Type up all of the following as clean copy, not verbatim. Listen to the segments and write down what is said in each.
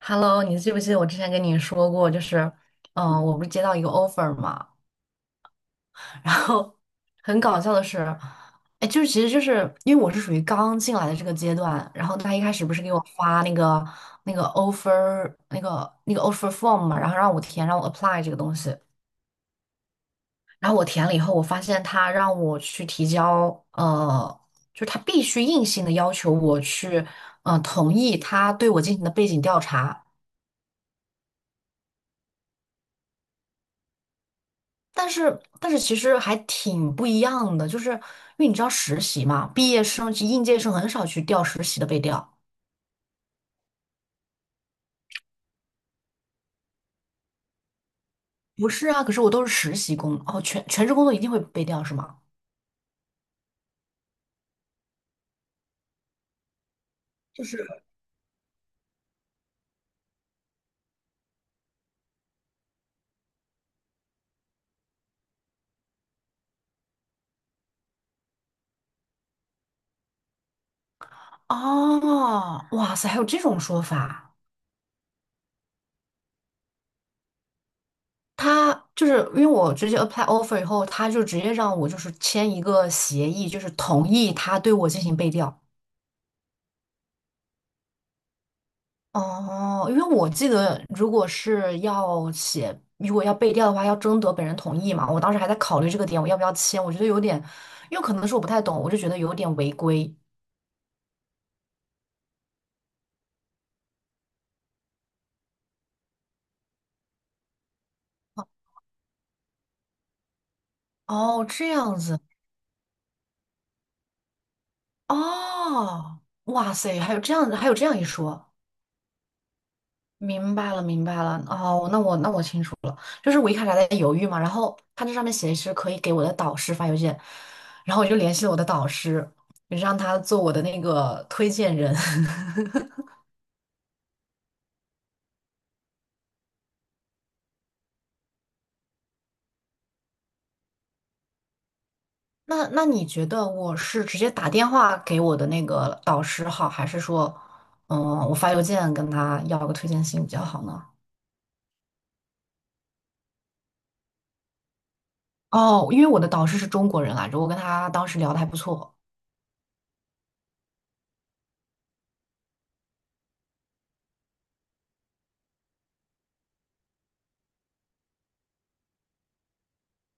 Hello，你记不记得我之前跟你说过，就是，我不是接到一个 offer 嘛，然后很搞笑的是，哎，就是其实就是因为我是属于刚进来的这个阶段，然后他一开始不是给我发那个那个 offer form 嘛，然后让我填，让我 apply 这个东西，然后我填了以后，我发现他让我去提交，就是他必须硬性的要求我去，同意他对我进行的背景调查。但是其实还挺不一样的，就是因为你知道实习嘛，毕业生及应届生很少去调实习的被调。不是啊，可是我都是实习工，哦，全职工作一定会被调是吗？哦，哇塞，还有这种说法。他就是因为我直接 apply offer 以后，他就直接让我就是签一个协议，就是同意他对我进行被调。哦，因为我记得，如果是要写，如果要背调的话，要征得本人同意嘛。我当时还在考虑这个点，我要不要签？我觉得有点，因为可能是我不太懂，我就觉得有点违规。哦，这样子，哦，哇塞，还有这样，还有这样一说，明白了，明白了。哦，那我清楚了，就是我一开始还在犹豫嘛，然后他这上面写的是可以给我的导师发邮件，然后我就联系了我的导师，让他做我的那个推荐人。那你觉得我是直接打电话给我的那个导师好，还是说，嗯，我发邮件跟他要个推荐信比较好呢？哦，因为我的导师是中国人来着，我跟他当时聊的还不错。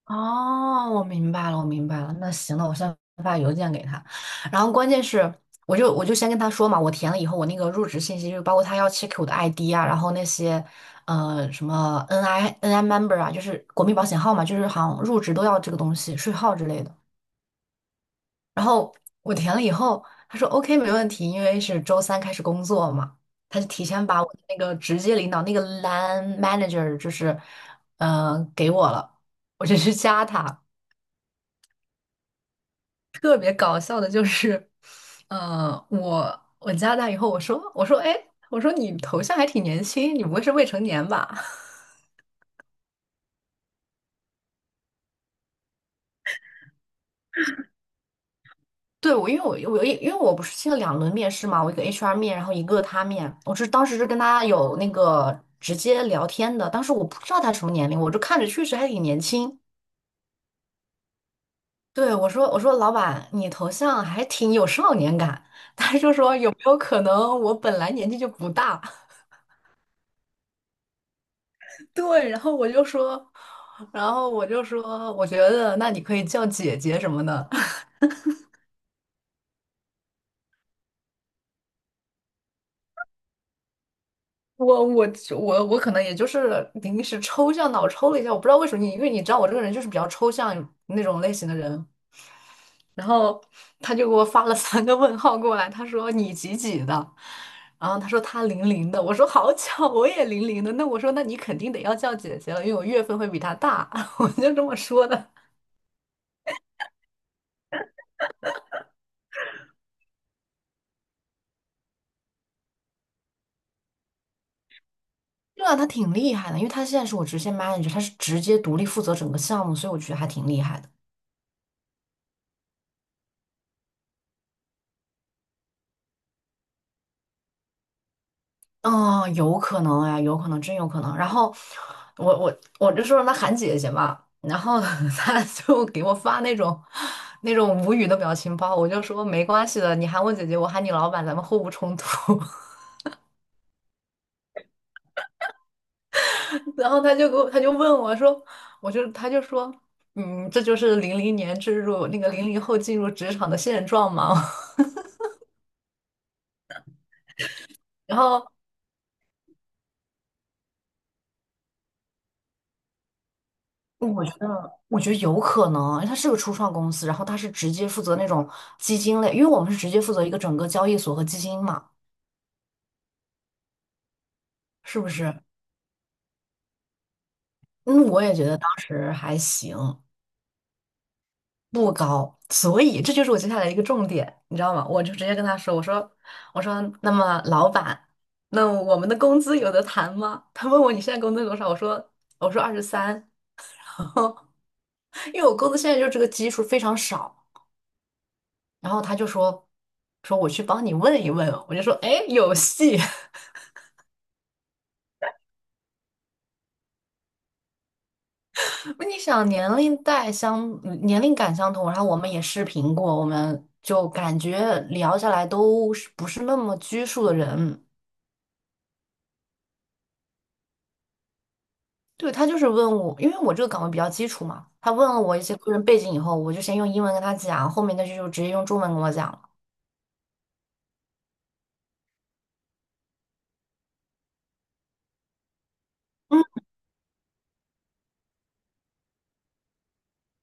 哦，我明白了，我明白了。那行了，我先发邮件给他。然后关键是，我就先跟他说嘛，我填了以后，我那个入职信息就包括他要 check 我的 ID 啊，然后那些什么 NI member 啊，就是国民保险号嘛，就是好像入职都要这个东西，税号之类的。然后我填了以后，他说 OK 没问题，因为是周三开始工作嘛，他就提前把我的那个直接领导那个 line manager 就是，给我了，我就去加他。特别搞笑的就是，我加他以后，我说哎，我说你头像还挺年轻，你不会是未成年吧？对，我因为我不是去了两轮面试嘛，我一个 HR 面，然后一个他面，我是当时是跟他有那个直接聊天的，当时我不知道他什么年龄，我就看着确实还挺年轻。对，我说老板，你头像还挺有少年感，他就说有没有可能我本来年纪就不大？对，然后我就说，我觉得那你可以叫姐姐什么的。我我我可能也就是临时抽象脑抽了一下，我不知道为什么你，因为你知道我这个人就是比较抽象那种类型的人，然后他就给我发了三个问号过来，他说你几几的，然后他说他零零的，我说好巧，我也零零的，那我说那你肯定得要叫姐姐了，因为我月份会比他大，我就这么说的。对啊，他挺厉害的，因为他现在是我直线 manager，他是直接独立负责整个项目，所以我觉得还挺厉害的。嗯，有可能呀，有可能，真有可能。然后我就说让他喊姐姐嘛，然后 他就给我发那种无语的表情包，我就说没关系的，你喊我姐姐，我喊你老板，咱们互不冲突。然后他就给我，他就问我说，我就他就说，这就是零零年进入那个零零后进入职场的现状嘛。然后我觉得有可能，他是个初创公司，然后他是直接负责那种基金类，因为我们是直接负责一个整个交易所和基金嘛，是不是？嗯，我也觉得当时还行，不高，所以这就是我接下来一个重点，你知道吗？我就直接跟他说，我说，那么老板，那我们的工资有的谈吗？他问我你现在工资多少，我说，二十三，因为我工资现在就这个基数非常少，然后他就说我去帮你问一问，我就说哎有戏，你想年龄代相年龄感相同，然后我们也视频过，我们就感觉聊下来都是不是那么拘束的人。对，他就是问我，因为我这个岗位比较基础嘛，他问了我一些个人背景以后，我就先用英文跟他讲，后面那句就直接用中文跟我讲了。嗯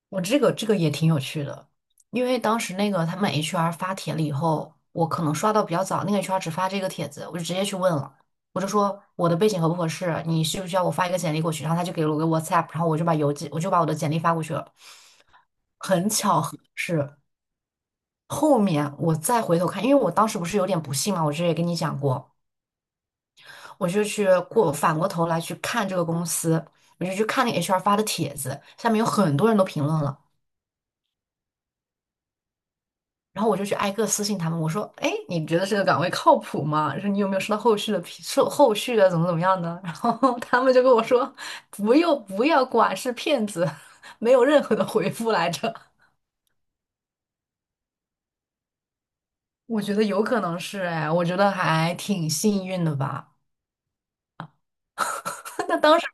我这个也挺有趣的，因为当时他们 HR 发帖了以后，我可能刷到比较早，那个 HR 只发这个帖子，我就直接去问了，我就说我的背景合不合适，你需不需要我发一个简历过去？然后他就给了我个 WhatsApp，然后我就把我的简历发过去了。很巧合是后面我再回头看，因为我当时不是有点不信嘛，我之前也跟你讲过，我就去过反过头来去看这个公司，我就去看那个 HR 发的帖子，下面有很多人都评论了，然后我就去挨个私信他们，我说：“哎，你觉得这个岗位靠谱吗？说你有没有收到后续的怎么怎么样呢？”然后 他们就跟我说：“不用，不要管，是骗子，没有任何的回复来着。”我觉得有可能是哎，我觉得还挺幸运的吧。那当时。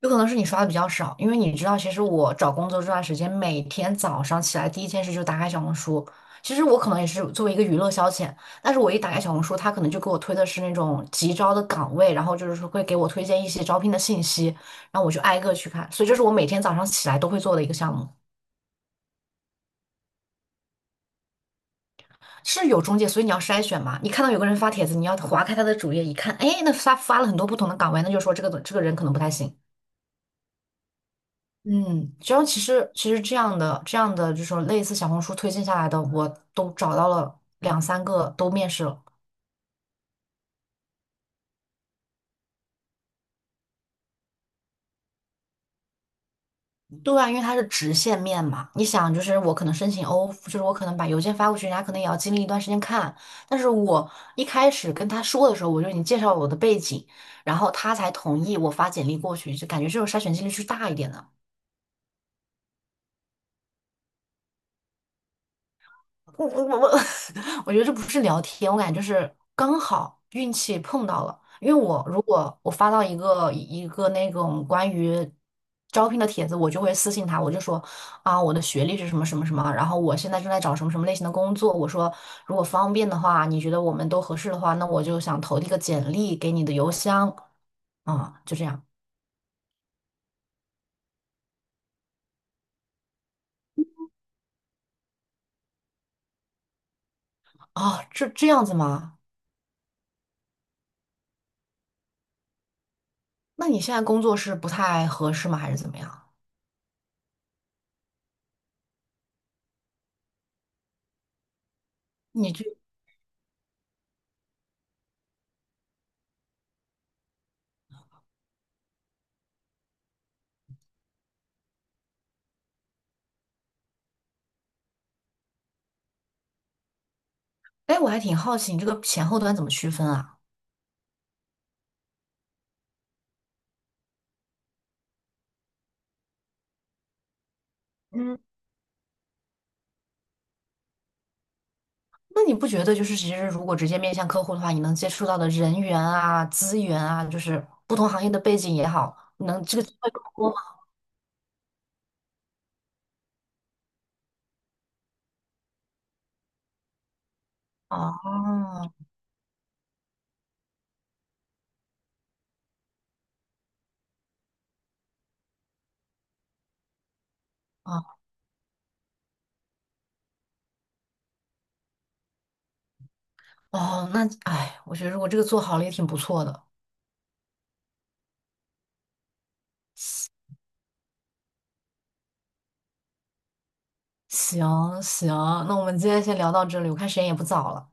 有可能是你刷的比较少，因为你知道，其实我找工作这段时间，每天早上起来第一件事就打开小红书。其实我可能也是作为一个娱乐消遣，但是我一打开小红书，他可能就给我推的是那种急招的岗位，然后就是说会给我推荐一些招聘的信息，然后我就挨个去看。所以这是我每天早上起来都会做的一个项目，是有中介，所以你要筛选嘛。你看到有个人发帖子，你要划开他的主页一看，哎，那发了很多不同的岗位，那就说这个人可能不太行。嗯，只要其实这样的这种类似小红书推荐下来的，我都找到了两三个都面试了。对啊，因为它是直线面嘛，你想就是我可能申请 o 就是我可能把邮件发过去，人家可能也要经历一段时间看。但是我一开始跟他说的时候，我就已经介绍了我的背景，然后他才同意我发简历过去，就感觉这种筛选几率是大一点的。我我我，我觉得这不是聊天，我感觉就是刚好运气碰到了。因为我如果我发到一个一个那种关于招聘的帖子，我就会私信他，我就说啊，我的学历是什么什么什么，然后我现在正在找什么什么类型的工作。我说如果方便的话，你觉得我们都合适的话，那我就想投递个简历给你的邮箱啊，就这样啊，这样子吗？那你现在工作是不太合适吗？还是怎么样？你哎，我还挺好奇你这个前后端怎么区分啊？嗯，那你不觉得就是其实如果直接面向客户的话，你能接触到的人员啊、资源啊，就是不同行业的背景也好，能这个机会更多吗？哦哦哦，那哎，我觉得如果这个做好了也挺不错的。行行，那我们今天先聊到这里，我看时间也不早了。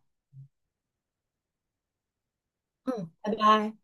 嗯，拜拜。